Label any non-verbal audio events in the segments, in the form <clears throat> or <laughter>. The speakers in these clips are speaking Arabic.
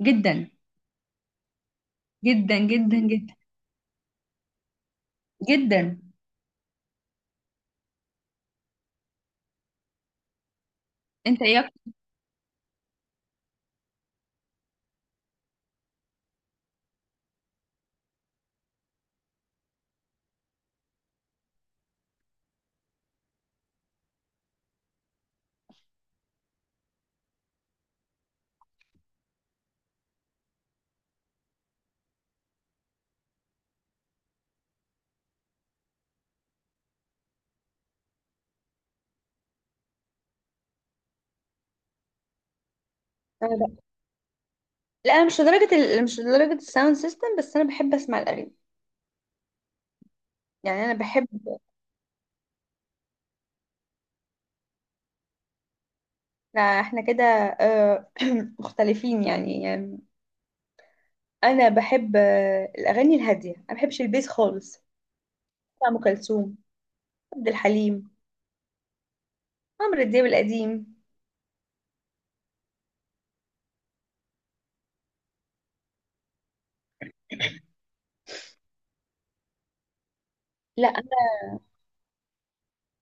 جدا جدا جدا جدا جدا. انت ايه اكتر؟ أنا ب- لا، أنا مش لدرجة الساوند سيستم، بس أنا بحب أسمع الأغاني. يعني أنا بحب. إحنا كده، آه، <clears throat> مختلفين يعني. يعني أنا بحب، الأغاني الهادية، أنا بحبش البيس خالص. بتاع أم كلثوم، عبد الحليم، عمرو دياب القديم. لا، أنا.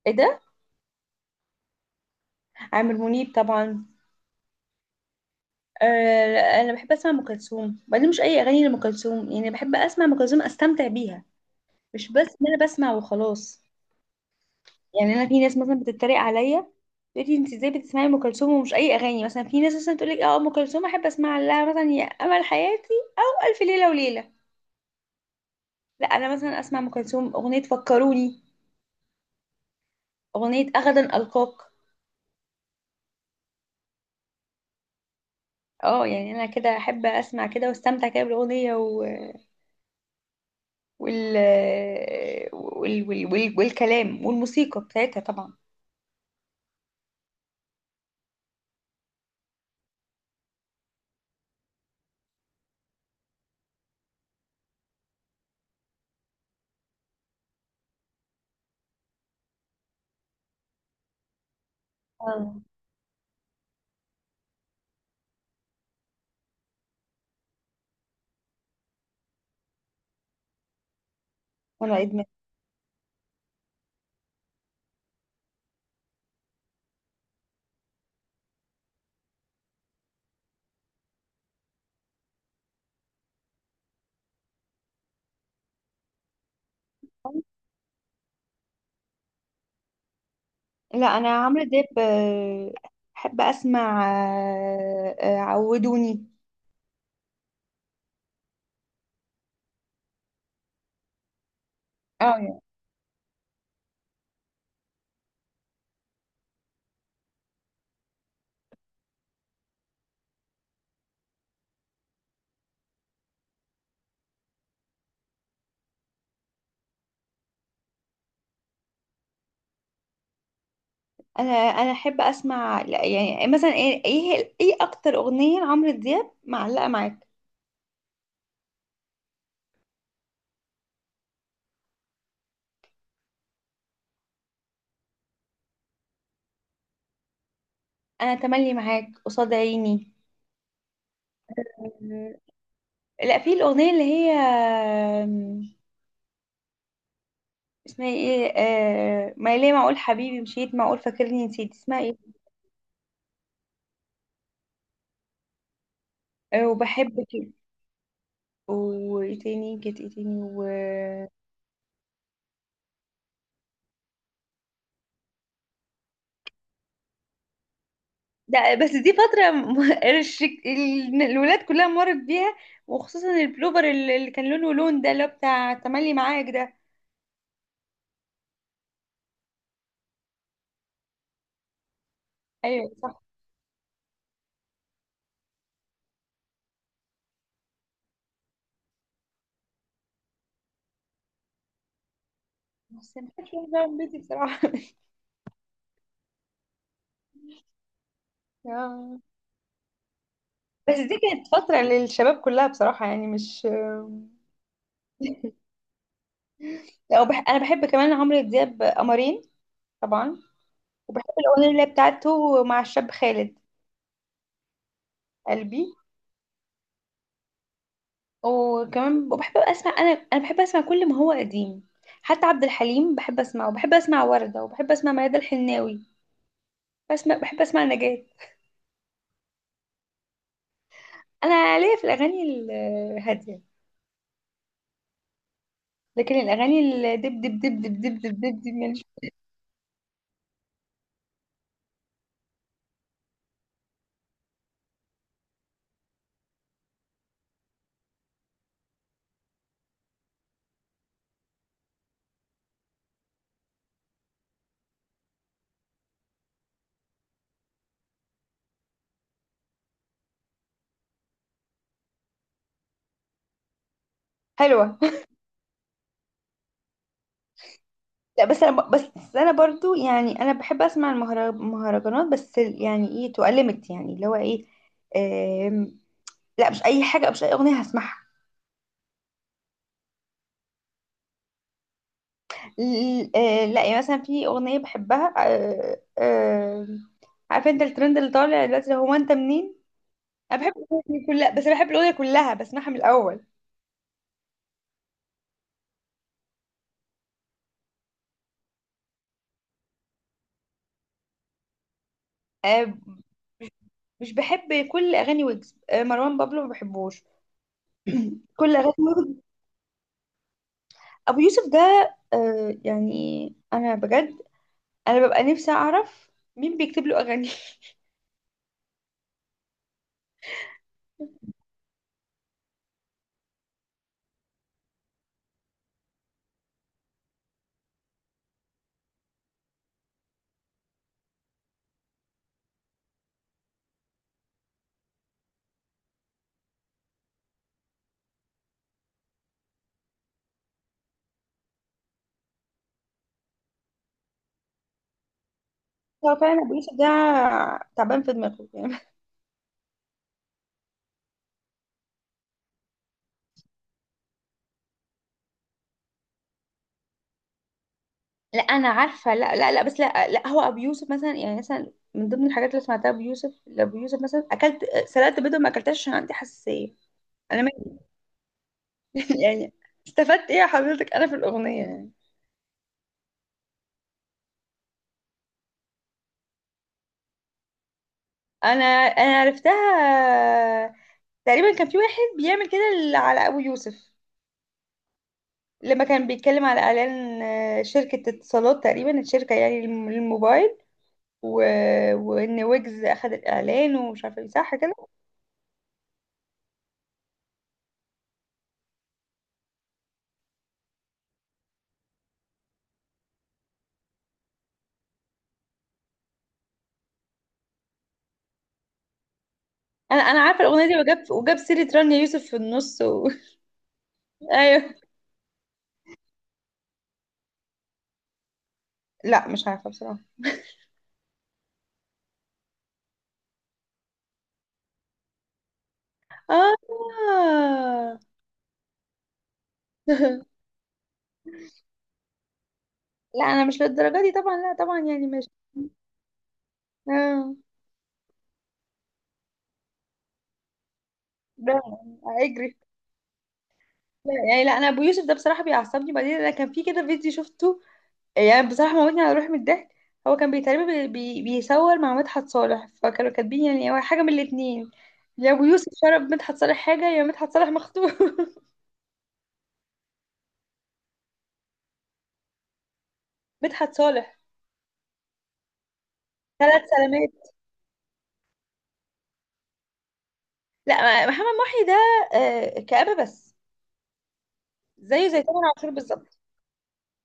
إيه ده، عامر منيب طبعا. آه. لا، أنا بحب أسمع أم كلثوم، وبعدين مش أي أغاني لأم كلثوم، يعني بحب أسمع أم كلثوم أستمتع بيها، مش بس إن أنا بسمع وخلاص. يعني انا، في ناس مثلا بتتريق عليا، تقول لي: انت ازاي بتسمعي ام كلثوم ومش اي اغاني مثلا؟ في ناس مثلا تقول لك: اه، ام كلثوم احب اسمع لها مثلا يا امل حياتي، والف ليله وليله. لا، انا مثلا اسمع ام كلثوم اغنيه فكروني، اغنيه غدا القاك. اه، يعني انا كده احب اسمع كده واستمتع كده بالاغنيه و... وال... والكلام والموسيقى بتاعتها طبعا. آه. وانا ادمان. لا، انا عمرو دياب، احب اسمع، عودوني. اه. انا احب اسمع، لا، يعني مثلا ايه إيه اكتر اغنيه لعمرو دياب معلقه معاك؟ انا تملي معاك، قصاد عيني. آه. لا، في الاغنيه اللي هي، آم، اسمها ايه، ما ليه معقول حبيبي مشيت معقول فاكرني نسيت، اسمها ايه؟ آه، وبحبك. وايه تاني؟ كانت ايه تاني و. ده، بس دي فترة <laughs> الولاد كلها مرت بيها، وخصوصا البلوفر اللي كان لونه لون ده اللي هو بتاع تملي معاك ده. ايوه، صح. بس ما كانش واحد من بيتي بصراحة. <laughs> اه. بس دي كانت فترة للشباب كلها بصراحة، يعني مش. لا، أنا بحب كمان عمرو دياب قمرين. طبعا. وبحب الأغنية اللي هي بتاعته مع الشاب خالد. قلبي. وكمان بحب أسمع، أنا بحب أسمع كل ما هو قديم. حتى عبد الحليم بحب أسمعه، وبحب أسمع وردة، وبحب أسمع ميادة الحناوي. بحب أسمع نجاة. أنا ليا في الأغاني الهادية. لكن الأغاني الدب دب دب دب دب دب دب دب. حلوة. لا، بس بس انا برضو، يعني انا بحب اسمع المهرجانات، بس يعني ايه، تؤلمت يعني، اللي هو ايه. آم، لا، مش اي حاجه، مش اي اغنيه هسمعها. لا، يعني مثلا في اغنيه بحبها، عارفه انت الترند اللي طالع دلوقتي اللي هو انت منين؟ انا بحب الاغنيه دي كلها، بس انا بحب الاغنيه كلها بسمعها من الاول. آه، مش بحب كل اغاني ويجز، مروان بابلو ما بحبوش. كل اغاني ويجز. ابو يوسف ده. آه، يعني انا بجد انا ببقى نفسي اعرف مين بيكتب له اغاني. <laughs> هو فعلا ابو يوسف ده تعبان في دماغه يعني. لا، انا عارفه. لا لا لا، بس لا لا، هو ابو يوسف مثلا، يعني مثلا من ضمن الحاجات اللي سمعتها ابو يوسف لابو يوسف مثلا: اكلت، سلقت بيضه ما اكلتهاش عشان عندي حساسيه. انا ما. <laughs> يعني استفدت ايه يا حضرتك انا في الاغنيه يعني؟ انا عرفتها. تقريبا كان في واحد بيعمل كده على ابو يوسف، لما كان بيتكلم على اعلان شركه اتصالات تقريبا، الشركه يعني الموبايل، و... وان ويجز اخد الاعلان ومش عارفه ايه، صح كده. انا عارفه الاغنيه دي، وجاب سيره رانيا يوسف في النص و... <laughs> ايوه. لا، مش عارفه بصراحه. اه. <laughs> لا، انا مش للدرجه دي طبعا، لا طبعا، يعني مش. اه. ده. اجري. لا، يعني لا، انا ابو يوسف ده بصراحه بيعصبني، بعدين انا كان في كده فيديو شفته، يعني بصراحة موتني على روحي من الضحك. هو كان بيتقريبا بيصور مع مدحت صالح، فكانوا كاتبين يعني هو حاجة من الاتنين: يا أبو يوسف شرب مدحت صالح حاجة، يا مدحت صالح مخطوب. <laughs> مدحت صالح. ثلاث سلامات. لا، محمد محي ده كآبة بس. زيه زي تامر عاشور بالظبط.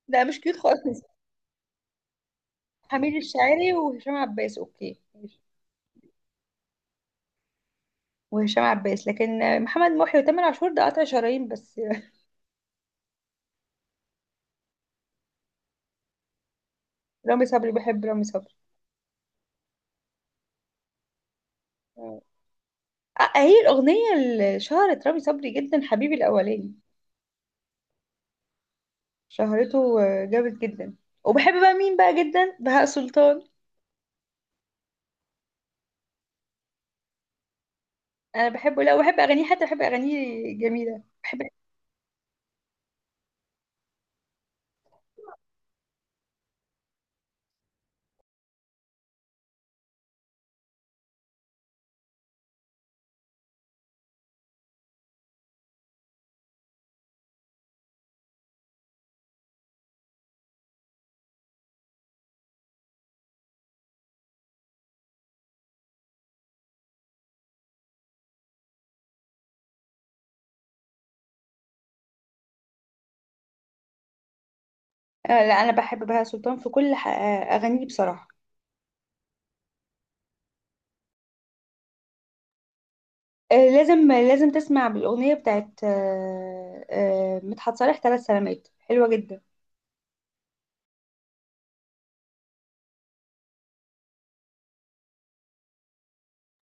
لا، مش كيوت خالص. حميد الشاعري وهشام عباس، اوكي، ماشي، وهشام عباس، لكن محمد محي وتامر عاشور ده قطع شرايين بس. <laughs> رامي صبري، بحب رامي صبري. آه، هي الأغنية اللي شهرت رامي صبري جدا، حبيبي الأولاني. شهرته جامد جدا. وبحب بقى مين بقى جدا؟ بهاء سلطان. أنا بحبه، لا، وبحب أغانيه، حتى بحب أغانيه جميلة، بحب. آه، لا، أنا بحب بهاء سلطان في كل أغانيه بصراحة. آه، لازم تسمع بالأغنية بتاعت، مدحت صالح ثلاث سلامات، حلوة جدا.